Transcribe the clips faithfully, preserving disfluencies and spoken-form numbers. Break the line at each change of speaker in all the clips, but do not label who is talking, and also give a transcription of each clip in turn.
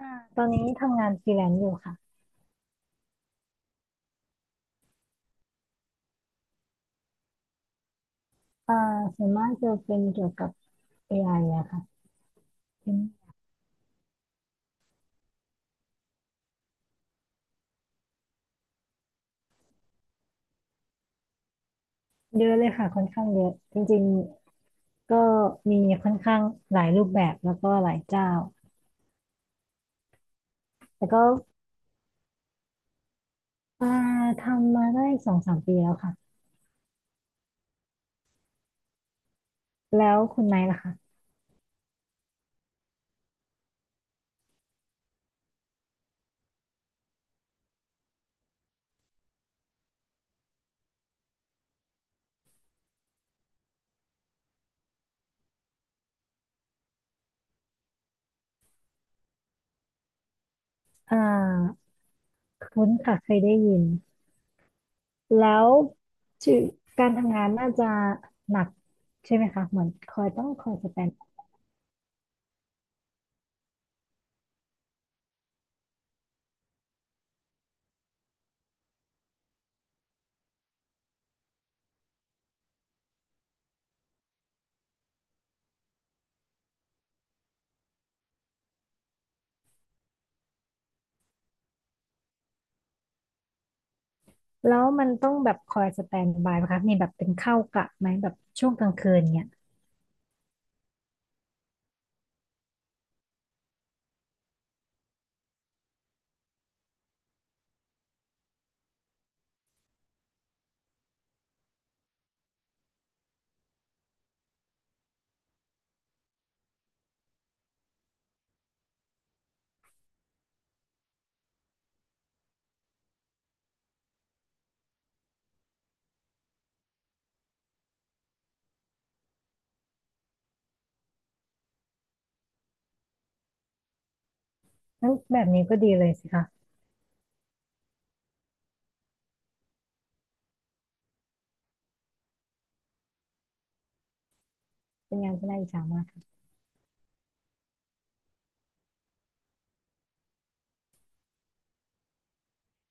อ่าตอนนี้ทำงานฟรีแลนซ์อยู่ค่ะอ่าส่วนมากจะเป็นเกี่ยวกับ เอ ไอ อไออะค่ะเป็นเยอะเลยค่ะค่อนข้างเยอะจริงๆ ก็มีค่อนข้างหลายรูปแบบแล้วก็หลายเจ้า แต่ก็อ่าทำมาได้สองสามปีแล้วค่ะ แล้วคุณไนท์ล่ะคะอ่าคุ้นค่ะเคยได้ยิน แล้วชื่อการทำงานน่าจะหนักใช่ไหมคะเหมือนคอยต้องคอยสแตน แล้วมันต้องแบบคอยสแตนด์บายไหมคะมีแบบเป็นเข้ากะไหมแบบช่วงกลางคืนเนี่ยนั่นแบบนี้ก็ดีเลยสิคะเป็นงานที่น่าอิจฉามากค่ะ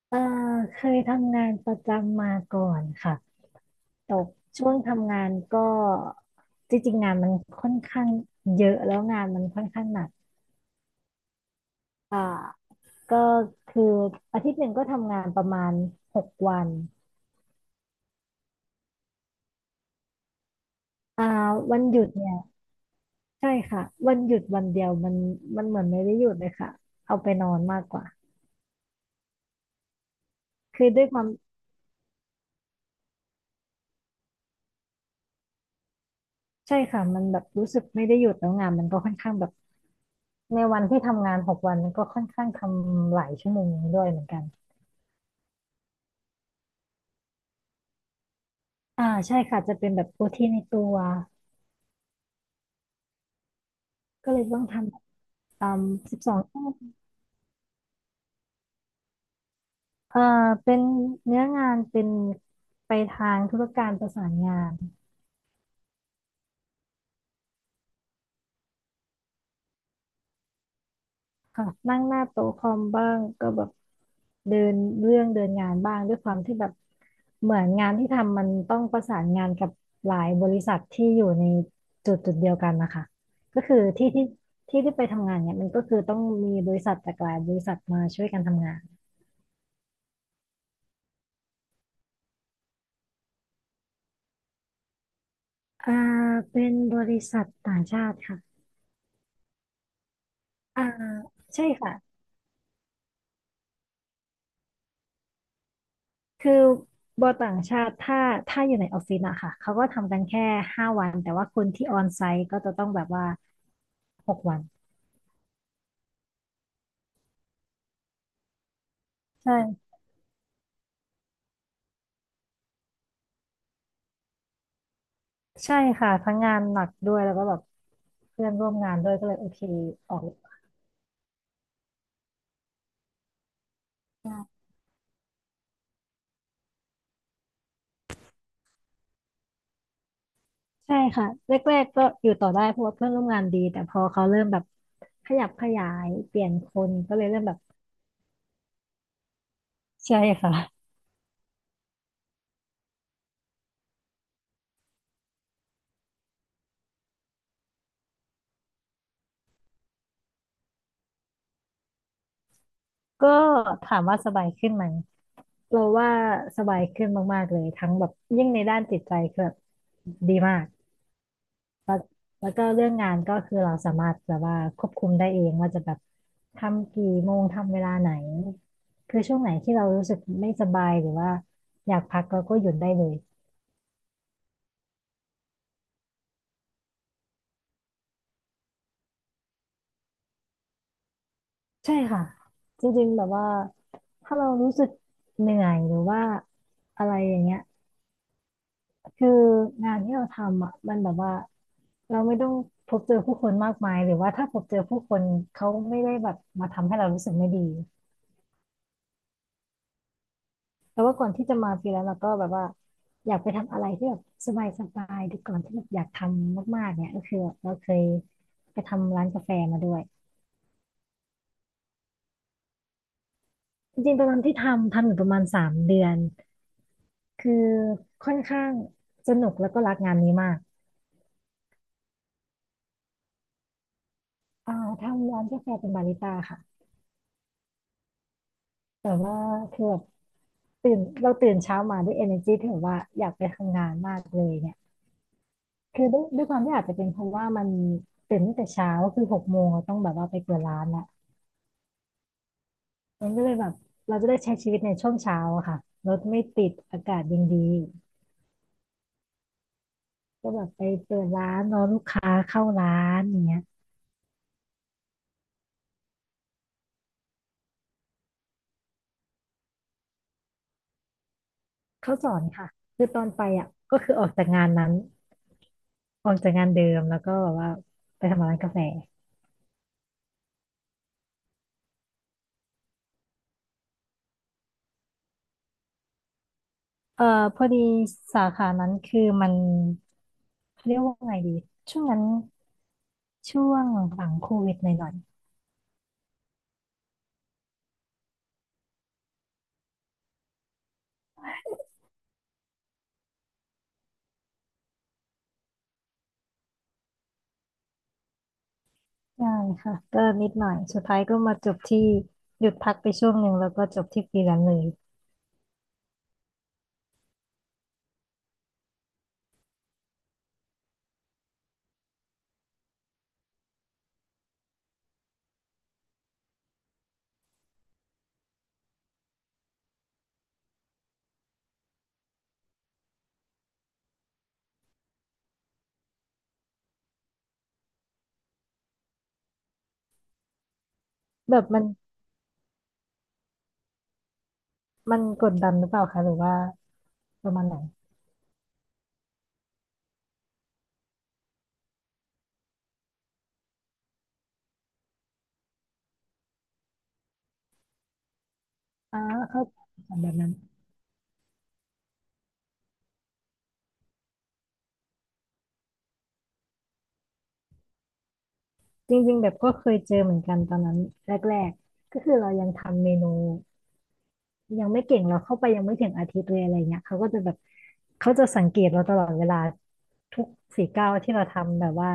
เออเคยทำงานประจำมาก่อนค่ะตกช่วงทำงานก็จริงๆงานมันค่อนข้างเยอะแล้วงานมันค่อนข้างหนักอ่าก็คืออาทิตย์หนึ่งก็ทำงานประมาณหกวันอ่าวันหยุดเนี่ยใช่ค่ะวันหยุดวันเดียวมันมันเหมือนไม่ได้หยุดเลยค่ะเอาไปนอนมากกว่า คือด้วยความใช่ค่ะมันแบบรู้สึกไม่ได้หยุดแล้วงานมันก็ค่อนข้างแบบในวันที่ทำงานหกวันมันก็ค่อนข้างทำหลายชั่วโมงด้วยเหมือนกันอ่าใช่ค่ะจะเป็นแบบโอทีในตัวก็เลยต้องทำแบบตามสิบสองชั่วโมงเอ่าเป็นเนื้องานเป็นไปทางธุรการประสานงาน ค่ะนั่งหน้าโต๊ะคอมบ้างก็แบบเดินเรื่องเดินงานบ้างด้วยความที่แบบเหมือนงานที่ทำมันต้องประสานงานกับหลายบริษัทที่อยู่ในจุดจุดเดียวกันนะคะก็คือที่ที่ที่ที่ไปทำงานเนี่ยมันก็คือต้องมีบริษัทจากหลายบริษัทมาช่วยกันทำงานอ่าเป็นบริษัทต่างชาติค่ะอ่าใช่ค่ะ คือบอต่างชาติถ้าถ้าอยู่ในออฟฟิศอะค่ะเขาก็ทำกันแค่ห้าวันแต่ว่าคนที่ออนไซต์ก็จะต้องแบบว่าหกวันใช่ใช่ค่ะทั้งงานหนักด้วยแล้วก็แบบเพื่อนร่วมงานด้วยก็เลยโอเคออกใช่ค่ะแรกๆก็อยู่ต่อได้เพราะว่าเพื่อนร่วมงานดีแต่พอเขาเริ่มแบบขยับขยายเปลี่ยนคนก็เลยเริ่มแบบใช่ค่ะ ก็ถามว่าสบายขึ้นไหมเราว่าสบายขึ้นมากๆเลยทั้งแบบยิ่งในด้านจิตใจคือแบบดีมากแล้วก็เรื่องงานก็คือเราสามารถแบบว่าควบคุมได้เองว่าจะแบบทำกี่โมงทำเวลาไหนคือช่วงไหนที่เรารู้สึกไม่สบายหรือว่าอยากพักเราก็หยุดได้เลยใช่ค่ะจริงๆแบบว่าถ้าเรารู้สึกเหนื่อยหรือว่าอะไรอย่างเงี้ย คืองานที่เราทำอ่ะมันแบบว่าเราไม่ต้องพบเจอผู้คนมากมายหรือว่าถ้าพบเจอผู้คนเขาไม่ได้แบบมาทำให้เรารู้สึกไม่ดีแต่ว่าก่อนที่จะมาฟรีแลนซ์เราก็แบบว่าอยากไปทำอะไรที่แบบสบายสบายดูก่อนที่แบบอยากทำมากๆเนี่ยก็คือเราเคยไปทำร้านกาแฟมาด้วยจริงๆตอนนั้นที่ทำทำอยู่ประมาณสามเดือนคือค่อนข้างสนุกแล้วก็รักงานนี้มากอ่าทำร้านกาแฟเป็นบาริสต้าค่ะแต่ว่าคือแบบ ตื่นเราตื่นเช้ามาด้วย energy ที่แบบว่าอยากไปทำงานมากเลยเนี่ยคือด้วยด้วยความที่อาจจะเป็นเพราะว่ามันตื่นตั้งแต่เช้าคือหกโมงเราต้องแบบว่าไปเปิดร้านละมันก็เลยแบบเราจะได้ใช้ชีวิตในช่วงเช้าอะค่ะรถไม่ติดอากาศยังดีก็แบบไปเปิดร้านรอลูกค้าเข้าร้านอย่างเงี้ยเขาสอนค่ะคือตอนไปอ่ะก็คือออกจากงานนั้นออกจากงานเดิมแล้วก็แบบว่าไปทำร้านกาแฟ เอ่อพอดีสาขานั้นคือมันเขาเรียกว่าไงดีช่วงนั้นช่วงหลังโควิดหน่อยๆใช่ค่ะก็นิดหน่อยสุดท้ายก็มาจบที่หยุดพักไปช่วงหนึ่งแล้วก็จบที่ฟรีแลนซ์เลยแบบมันมันกดดันหรือเปล่าคะหรือว่าประมาณไหนอ่าเข้าใจแบบนั้นจริงๆแบบก็เคยเจอเหมือนกันตอนนั้นแรกๆก็คือเรายังทำเมนู ยังไม่เก่งเราเข้าไปยังไม่ถึงอาทิตย์เลยอะไรเงี้ยเขาก็จะแบบเขาจะสังเกตเราตลอดเวลาทุกสี่เก้าวที่เราทำแบบว่า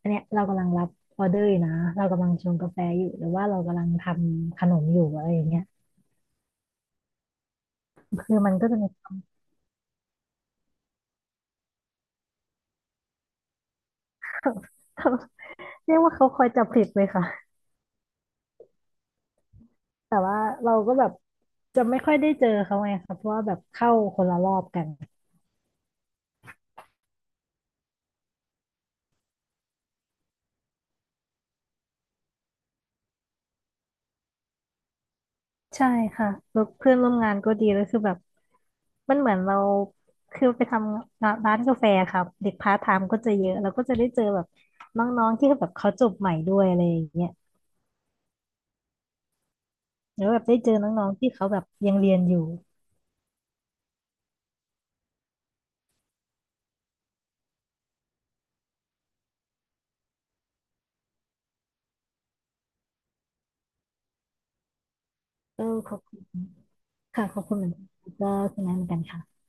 อันเนี้ยเรากำลังรับออเดอร์อยู่นะเรากำลังชงกาแฟอยู่หรือว่าเรากำลังทำขนมอยู่อะไรอย่างเงี้ยคือมันก็จะมี เรียกว่าเขาคอยจับผิดเลยค่ะแต่ว่าเราก็แบบจะไม่ค่อยได้เจอเขาไงค่ะเพราะว่าแบบเข้าคนละรอบกัน ใช่ค่ะแล้วเพื่อนร่วมงานก็ดีแล้วคือแบบมันเหมือนเราคือไปทำงานร้านกาแฟครับเด็กพาร์ทไทม์ก็จะเยอะเราก็จะได้เจอแบบน้องๆที่แบบเขาจบใหม่ด้วยอะไรอย่างเงี้ยแล้วแบบได้เจอน้องๆที่เขาแบบยังเรียนอยู่เออขอบคุณค่ะขอบคุณเหมือนกันก็คุณแม่เหมือนกันค่ะ